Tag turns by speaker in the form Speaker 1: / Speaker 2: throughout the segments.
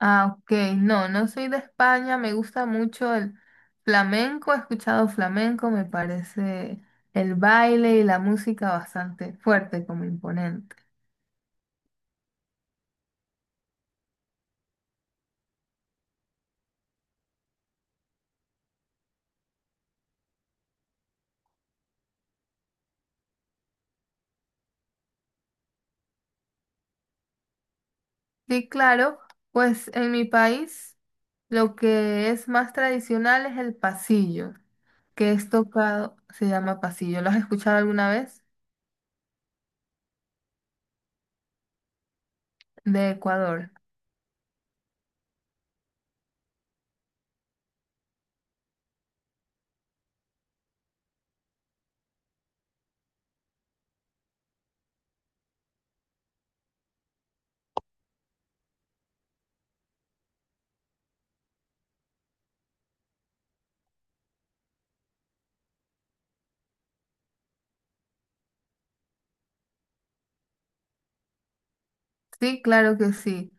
Speaker 1: Ah, ok. No, no soy de España. Me gusta mucho el flamenco. He escuchado flamenco. Me parece el baile y la música bastante fuerte, como imponente. Sí, claro. Pues en mi país lo que es más tradicional es el pasillo, que es tocado, se llama pasillo. ¿Lo has escuchado alguna vez? De Ecuador. Sí, claro que sí.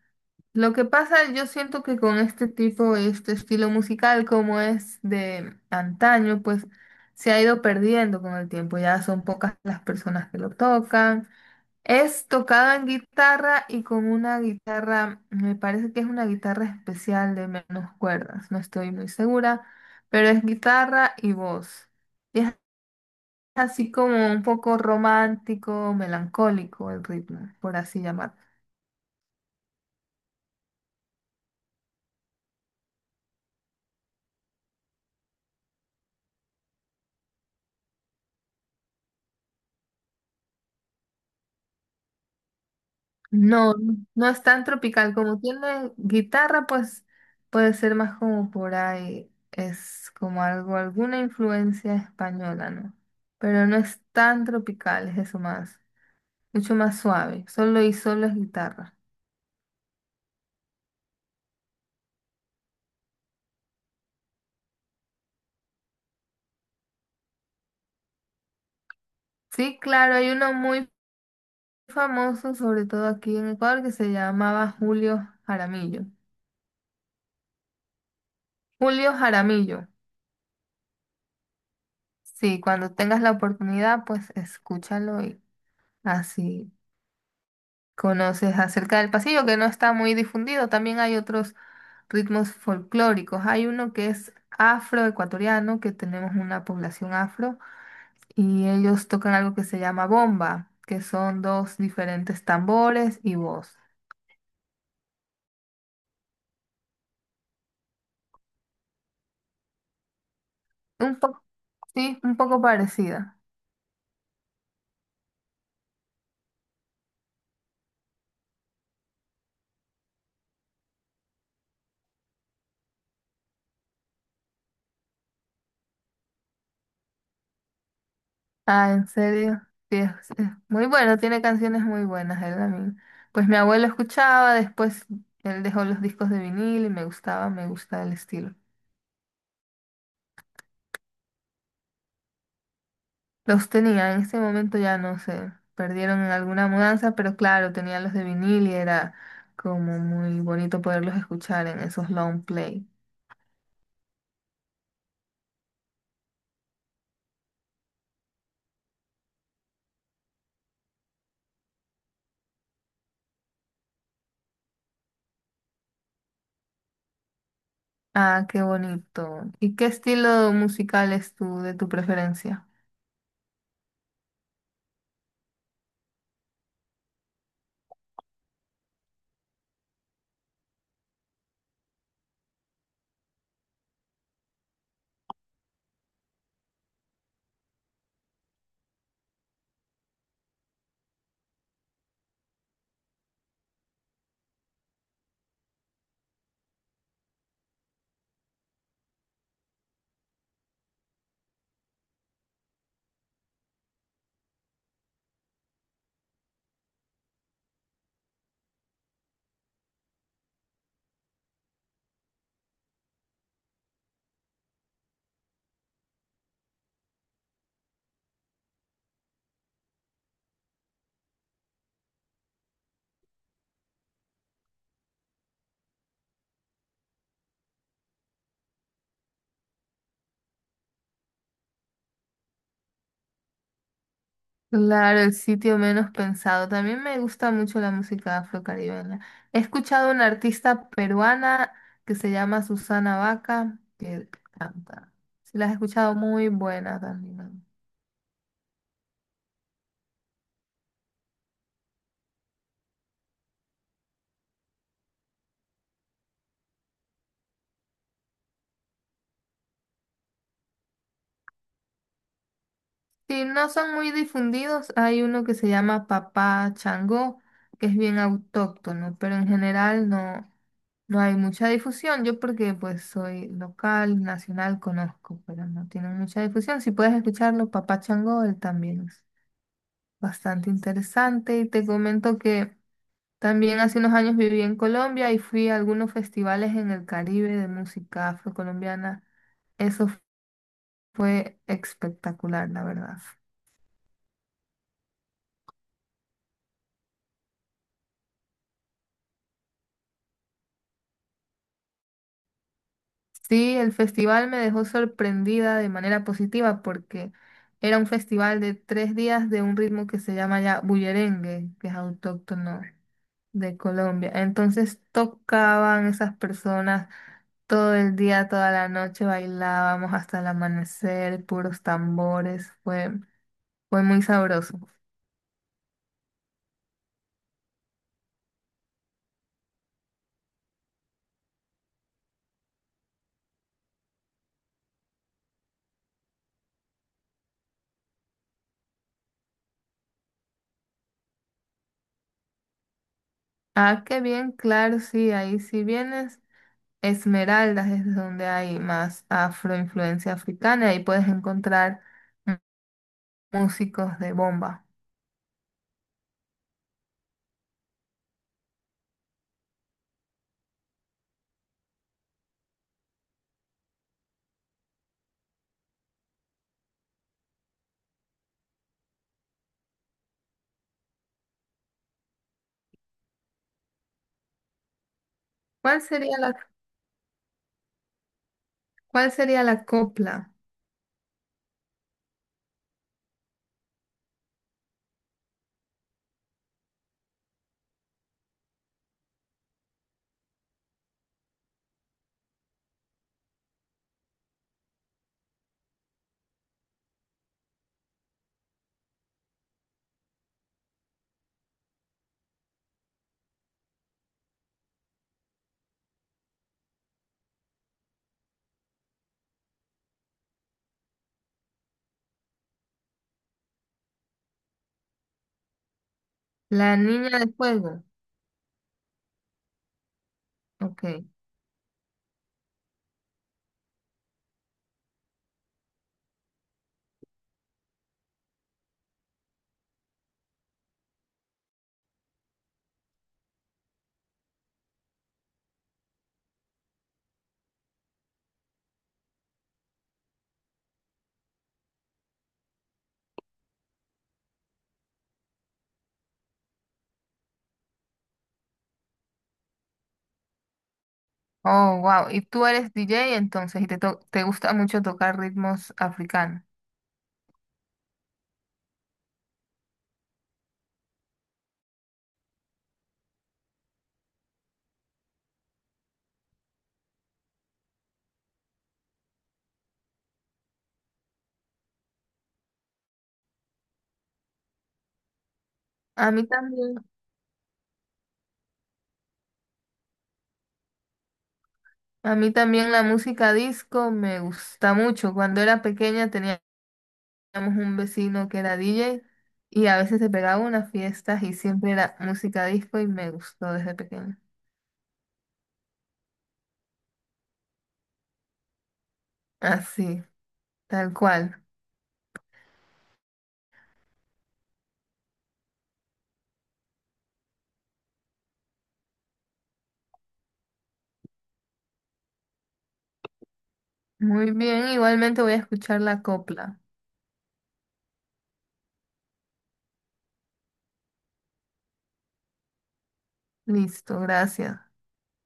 Speaker 1: Lo que pasa, yo siento que con este tipo, este estilo musical como es de antaño, pues se ha ido perdiendo con el tiempo. Ya son pocas las personas que lo tocan. Es tocado en guitarra y con una guitarra, me parece que es una guitarra especial de menos cuerdas, no estoy muy segura, pero es guitarra y voz. Y es así como un poco romántico, melancólico el ritmo, por así llamarlo. No, no es tan tropical. Como tiene guitarra, pues puede ser más como por ahí. Es como algo, alguna influencia española, ¿no? Pero no es tan tropical, es eso más. Mucho más suave. Solo y solo es guitarra. Sí, claro, hay uno muy famoso, sobre todo aquí en Ecuador, que se llamaba Julio Jaramillo. Julio Jaramillo. Sí, cuando tengas la oportunidad, pues escúchalo y así. Conoces acerca del pasillo, que no está muy difundido. También hay otros ritmos folclóricos. Hay uno que es afroecuatoriano, que tenemos una población afro, y ellos tocan algo que se llama bomba, que son dos diferentes tambores y voz. Un poco, sí, un poco parecida. Ah, ¿en serio? Sí, es muy bueno, tiene canciones muy buenas, él también. Pues mi abuelo escuchaba, después él dejó los discos de vinil y me gustaba, me gusta el estilo. Los tenía, en este momento ya no sé, perdieron en alguna mudanza, pero claro, tenían los de vinil y era como muy bonito poderlos escuchar en esos long play. Ah, qué bonito. ¿Y qué estilo musical es tu, de tu preferencia? Claro, el sitio menos pensado. También me gusta mucho la música afrocaribeña. He escuchado una artista peruana que se llama Susana Vaca, que canta. Si la has escuchado, muy buena también. Sí, no son muy difundidos. Hay uno que se llama Papá Changó, que es bien autóctono, pero en general no, no hay mucha difusión. Yo porque pues soy local, nacional, conozco, pero no tienen mucha difusión. Si puedes escucharlo, Papá Changó, él también es bastante interesante. Y te comento que también hace unos años viví en Colombia y fui a algunos festivales en el Caribe de música afrocolombiana. Eso fue espectacular, la verdad. Sí, el festival me dejó sorprendida de manera positiva porque era un festival de 3 días de un ritmo que se llama ya bullerengue, que es autóctono de Colombia. Entonces tocaban esas personas todo el día, toda la noche, bailábamos hasta el amanecer, puros tambores, fue muy sabroso. Ah, qué bien, claro, sí, ahí si vienes. Esmeraldas es donde hay más afroinfluencia africana y puedes encontrar. Músicos de bomba. ¿Cuál sería la, cuál sería la copla? La niña de fuego. Ok. Oh, wow. Y tú eres DJ entonces y te, to- te gusta mucho tocar ritmos africanos. A mí también. A mí también la música disco me gusta mucho. Cuando era pequeña teníamos un vecino que era DJ y a veces se pegaba unas fiestas y siempre era música disco y me gustó desde pequeña. Así, tal cual. Muy bien, igualmente voy a escuchar la copla. Listo, gracias.